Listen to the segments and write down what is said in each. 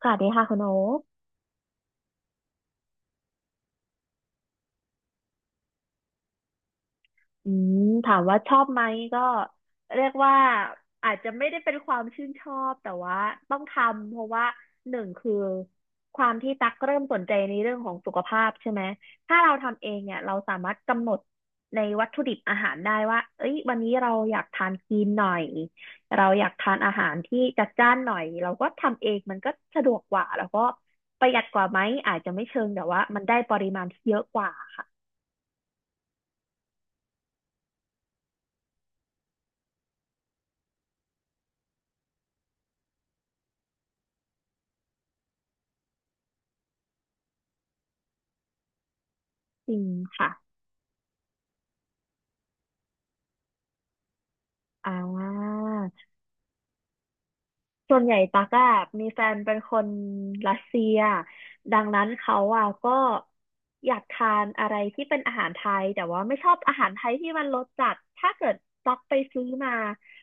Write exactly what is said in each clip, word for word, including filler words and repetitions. สวัสดีค่ะคุณโอ๊คอืมถามว่าชอบไหมก็เรียกว่าอาจจะไม่ได้เป็นความชื่นชอบแต่ว่าต้องทำเพราะว่าหนึ่งคือความที่ตักเริ่มสนใจในเรื่องของสุขภาพใช่ไหม ถ้าเราทำเองเนี่ยเราสามารถกำหนดในวัตถุดิบอาหารได้ว่าเอ้ยวันนี้เราอยากทานคลีนหน่อยเราอยากทานอาหารที่จัดจ้านหน่อยเราก็ทำเองมันก็สะดวกกว่าแล้วก็ประหยัดกว่าไหมอาจจะไม่เชิงแต่ว่ามันได้ปริมาณที่เยอะกว่าค่ะจริงค่ะ อ่าส่วนใหญ่ตั๊กอะมีแฟนเป็นคนรัสเซีย ดังนั้นเขาอะก็อยากทานอะไรที่เป็นอาหารไทย แต่ว่าไม่ชอบอาหารไทยที่มันรสจัด ถ้าเกิดตั๊กไปซื้อมา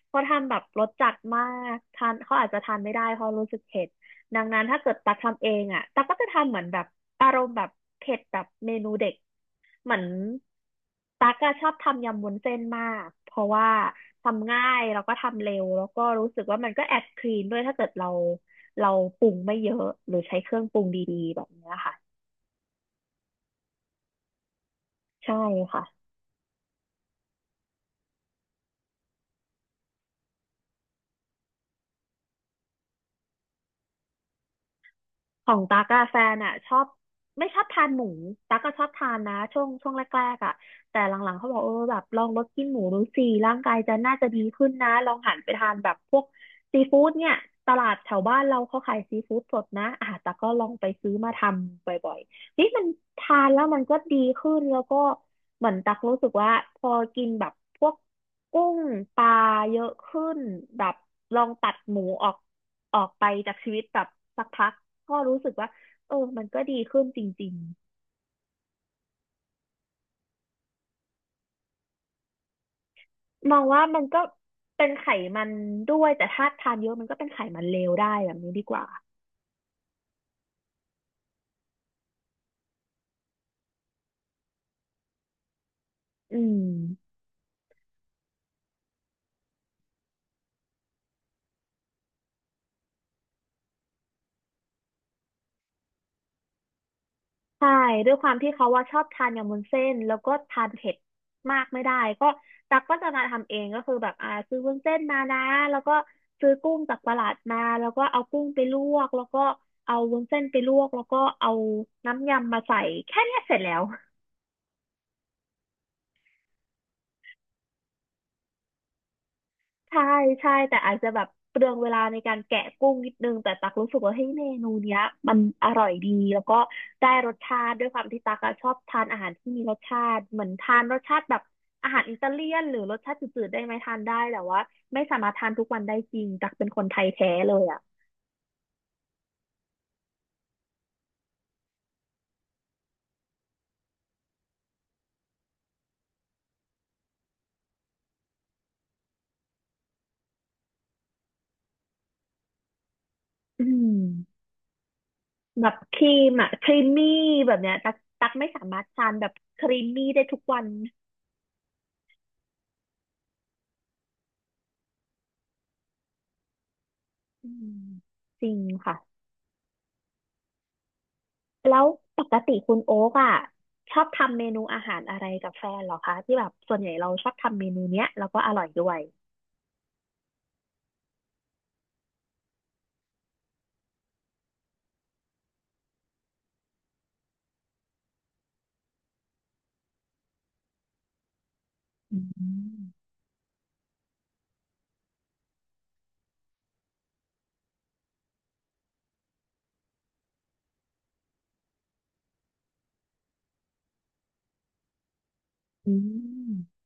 เขาทำแบบรสจัดมากทานเขาอาจจะทานไม่ได้เพราะรู้สึกเผ็ดดังนั้นถ้าเกิดตั๊กทำเองอะตั๊กก็จะทำเหมือนแบบอารมณ์แบบเผ็ดแบบเมนูเด็ก เหมือนตั๊กอะชอบทำยำวุ้นเส้นมากเพราะว่าทำง่ายแล้วก็ทำเร็วแล้วก็รู้สึกว่ามันก็แอบคลีนด้วยถ้าเกิดเราเราปรุงไม่เยอะหรือใช้เครื่องปรุงดีๆแบบเนี้ยค่ะใช่ค่ะ ของตั๊กอะแฟนอะชอบไม่ชอบทานหมูตั๊กก็ชอบทานนะช่วงช่วงแรกๆอะแต่หลังๆเขาบอกเออแบบลองลดกินหมูดูสิร่างกายจะน่าจะดีขึ้นนะลองหันไปทานแบบพวกซีฟู้ดเนี่ยตลาดแถวบ้านเราเขาขายซีฟู้ดสดนะอ่ะตั๊กก็ลองไปซื้อมาทำบ่อยๆนี่มันทานแล้วมันก็ดีขึ้นแล้วก็เหมือนตั๊กรู้สึกว่าพอกินแบบพวกกุ้งปลาเยอะขึ้นแบบลองตัดหมูออก ออกไปจากชีวิตแบบสักพักก็รู้สึกว่าเออมันก็ดีขึ้นจริงๆมองว่ามันก็เป็นไขมันด้วยแต่ถ้าทานเยอะมันก็เป็นไขมันเลวได้แบบนี้ดีกว่าอืมใช่ด้วยความที่เขาว่าชอบทานยำวุ้นเส้นแล้วก็ทานเผ็ดมากไม่ได้ก็ตักก็จะมาทำเองก็คือแบบอ่าซื้อวุ้นเส้นมานะแล้วก็ซื้อกุ้งจากตลาดมาแล้วก็เอากุ้งไปลวกแล้วก็เอาวุ้นเส้นไปลวกแล้วก็เอาน้ำยำมาใส่แค่เนี้ยเสร็จแล้ว ใช่ใช่แต่อาจจะแบบเปลืองเวลาในการแกะกุ้งนิดนึงแต่ตักรู้สึกว่าเฮ้ยเมนูเนี้ยมันอร่อยดีแล้วก็ได้รสชาติด้วยความที่ตักอะชอบทานอาหารที่มีรสชาติเหมือนทานรสชาติแบบอาหารอิตาเลียนหรือรสชาติจืดๆได้ไหมทานได้แต่ว่าไม่สามารถทานทุกวันได้จริงตักเป็นคนไทยแท้เลยอ่ะอืมแบบครีมอ่ะครีมมี่แบบเนี้ยตักตักไม่สามารถทานแบบครีมมี่ได้ทุกวันอืมจริงค่ะ แล้วปกติคุณโอ๊กอ่ะชอบทำเมนูอาหารอะไรกับแฟนเหรอคะที่แบบส่วนใหญ่เราชอบทำเมนูเนี้ยแล้วก็อร่อยด้วยอืมอืม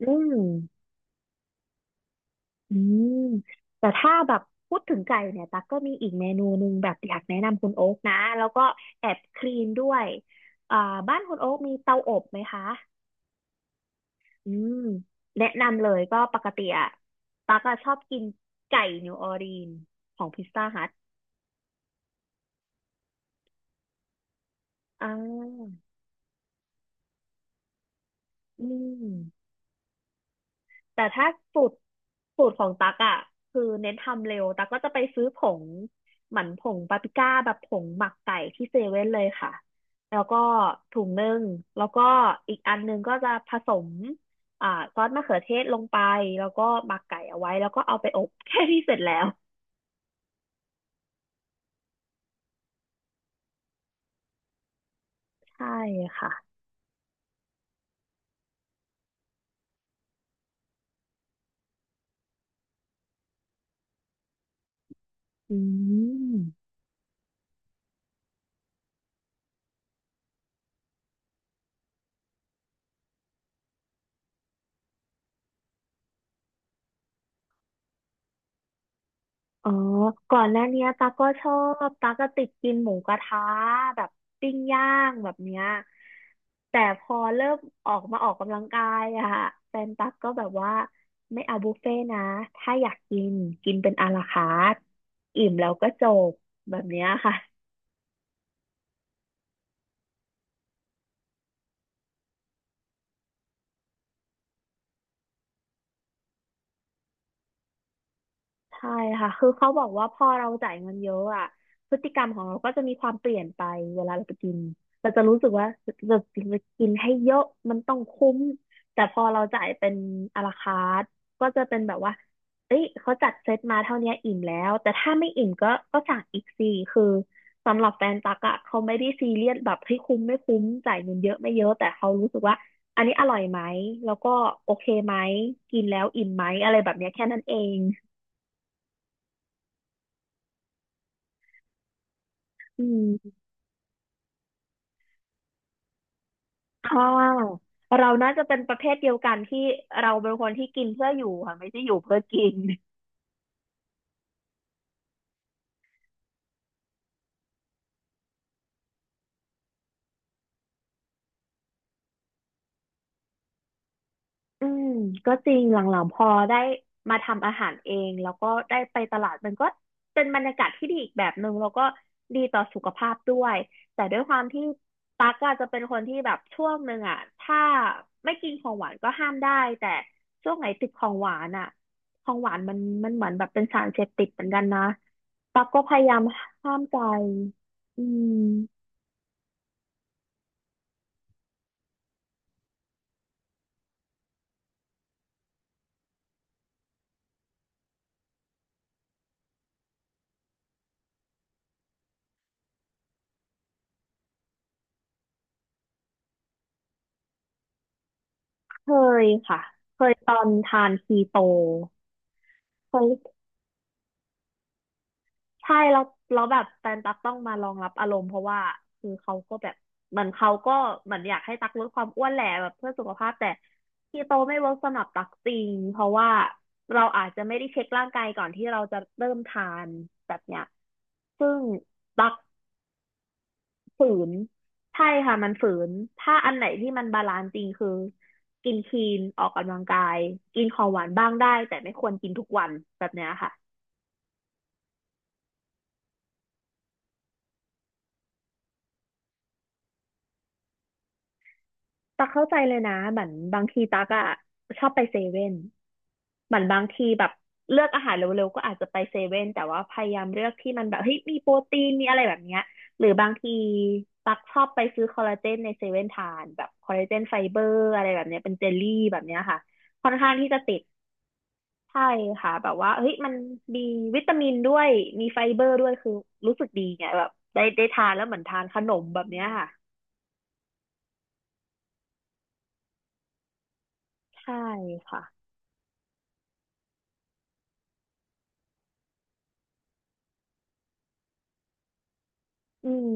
อืมอืมแต่ถ้าแบบพูดถึงไก่เนี่ยตั๊กก็มีอีกเมนูหนึ่งแบบอยากแนะนำคุณโอ๊กนะแล้วก็แอบคลีนด้วยอ่าบ้านคุณโอ๊กมีเตาอบไหมคะอืมแนะนำเลยก็ปกติอะตั๊กอะชอบกินไก่นิวออร์ลีนของพิซซ่าฮัทอ่าอืม แต่ถ้าสูตรสูตรของตักอ่ะคือเน้นทำเร็วตักก็จะไปซื้อผงหมั่นผงปาปริก้าแบบผงหมักไก่ที่เซเว่นเลยค่ะแล้วก็ถุงหนึ่งแล้วก็อีกอันหนึงก็จะผสมอ่าซอสมะเขือเทศลงไปแล้วก็หมักไก่เอาไว้แล้วก็เอาไปอบ แค่นี้เสร็จแล้วใช่ค่ะอืม อ๋อก่อนหน้าเนี้ยตาก็ชอบ ตาก็ติดกินหมูกระทะแบบปิ้งย่างแบบเนี้ย แต่พอเริ่มออกมาออกกำลังกายอะค่ะแฟนตักก็แบบว่าไม่เอาบุฟเฟ่ต์นะถ้าอยากกินกินเป็นอาลาคาร์ทอิ่มแล้วก็จบแบบเนี้ยค่ะ ใช่ค่ะ คือเขาบอกว่าพอเราจ่ายเงินเยอะอ่ะพฤติกรรมของเราก็จะมีความเปลี่ยนไปเวลาเราไปกิน เราจะรู้สึกว่าเราจะกินให้เยอะมันต้องคุ้ม แต่พอเราจ่ายเป็นอลาคาร์ทก็จะเป็นแบบว่าเอ้ยเขาจัดเซตมาเท่าเนี้ยอิ่มแล้ว แต่ถ้าไม่อิ่มก็ก็สั่งอีกสิคือสำหรับแฟนตักอะเขาไม่ได้ซีเรียสแบบให้ยคุ้มไม่คุ้มจ่ายเงินเยอะไม่เยอะแต่เขารู้สึกว่าอันนี้อร่อยไหมแล้วก็โอเคไหมกินแล้วอิ่มไหมอะไรแบบเนี้ยแค่นั้นเองอืม ค่ะเราน่าจะเป็นประเภทเดียวกันที่เราเป็นคนที่กินเพื่ออยู่ค่ะไม่ใช่อยู่เพื่อกิน อืมก็จริงหลังๆพอได้มาทำอาหารเองแล้วก็ได้ไปตลาดมันก็เป็นบรรยากาศที่ดีอีกแบบหนึ่งแล้วก็ดีต่อสุขภาพด้วยแต่ด้วยความที่ตั๊กอาจจะเป็นคนที่แบบช่วงหนึ่งอ่ะถ้าไม่กินของหวานก็ห้ามได้แต่ช่วงไหนติดของหวานอ่ะของหวานมันมันเหมือนแบบเป็นสารเสพติดเหมือนกันนะตั๊กก็พยายามห้ามใจอืมเคยค่ะเคยตอนทานคีโตเคย ใช่แล้วแล้วแบบแฟนตักต้องมารองรับอารมณ์เพราะว่าคือเขาก็แบบเหมือนเขาก็เหมือนอยากให้ตักลดความอ้วนแหละแบบเพื่อสุขภาพแต่คีโตไม่เวิร์กสำหรับตักจริงเพราะว่าเราอาจจะไม่ได้เช็คร่างกายก่อนที่เราจะเริ่มทานแบบเนี้ยซึ่งตักฝืนใช่ค่ะมันฝืนถ้าอันไหนที่มันบาลานซ์จริงคือกินคลีนออกกำลังกายกินของหวานบ้างได้แต่ไม่ควรกินทุกวันแบบเนี้ยค่ะ ตักเข้าใจเลยนะเหมือนบางทีตักอะชอบไปเซเว่นเหมือนบางทีแบบเลือกอาหารเร็วๆก็อาจจะไปเซเว่นแต่ว่าพยายามเลือกที่มันแบบเฮ้ยมีโปรตีนมีอะไรแบบเนี้ยหรือบางทีตักชอบไปซื้อคอลลาเจนในเซเว่นทานแบบคอลลาเจนไฟเบอร์อะไรแบบเนี้ยเป็นเจลลี่แบบเนี้ยค่ะค่อนข้างที่จะติดใช่ค่ะแบบว่าเฮ้ยมันมีวิตามินด้วยมีไฟเบอร์ด้วยคือรู้สึกดีไงแบบได้ได้ทานแล้วเหมือนทานขนมแบบเนี้ยค่ะใช่ค่ะ อืม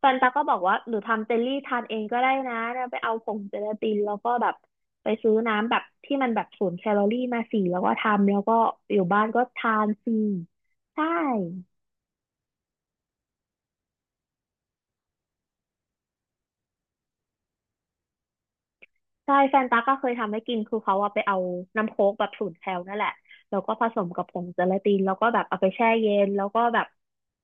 แฟนตาก็บอกว่าหนูทำเจลลี่ทานเองก็ได้นะเนี่ยไปเอาผงเจลาตินแล้วก็แบบไปซื้อน้ำแบบที่มันแบบศูนย์แคลอรี่มาสี่แล้วก็ทำแล้วก็อยู่บ้านก็ทานฟรีใช่ใช่แฟนตาก็เคยทำให้กินคือเขาอะไปเอาน้ำโค้กแบบศูนย์แคลนั่นแหละแล้วก็ผสมกับผงเจลาตินแล้วก็แบบเอาไปแช่เย็นแล้วก็แบบ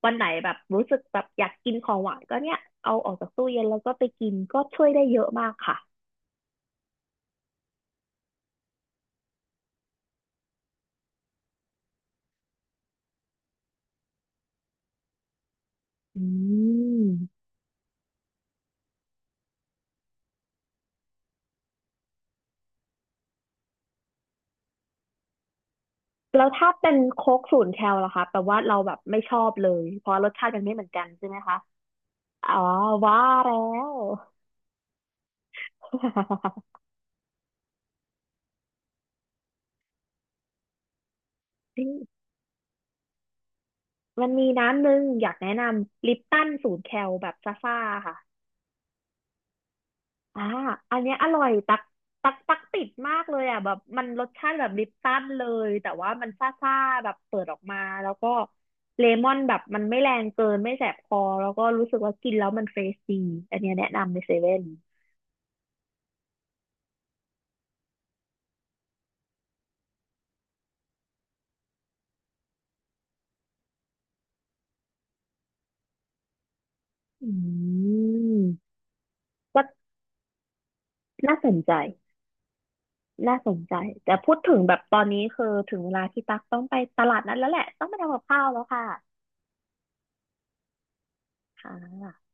วันไหนแบบรู้สึกแบบอยากกินของหวานก็เนี่ยเอาออกจากตู้เย็นแล้วก็ไปกินก็ช่วยได้เยอะมากค่ะอืม แล้วถ้าเป็นโค้กศูนย์แคลล่ะคะแปลว่าเราแบบไม่ชอบเลยเพราะรสชาติมันไม่เหมือนกันใช่ไหมคะอ๋อว่าแล้ว มันมีน้ำหนึ่งอยากแนะนำลิปตันศูนย์แคลแบบซ่าๆค่ะอ่าอันเนี้ยอร่อยตักตักตักติดมากเลยอ่ะแบบมันรสชาติแบบลิปตันเลยแต่ว่ามันซ่าๆแบบเปิดออกมาแล้วก็เลมอนแบบมันไม่แรงเกินไม่แสบคอแล้วก็รู้สึกว่ากินแล้วมันเฟรชดีอันเนี้ยแนะนำในเซเว่นอืม ก็น่าสนใจน่าสนใจ แต่พูดถึงแบบตอนนี้คือถึงเวลาที่ตั๊กต้องไปตลาดนั้นแล้วแหละ ต้องไปทำกับข้าวแล้วค่ะค่ะ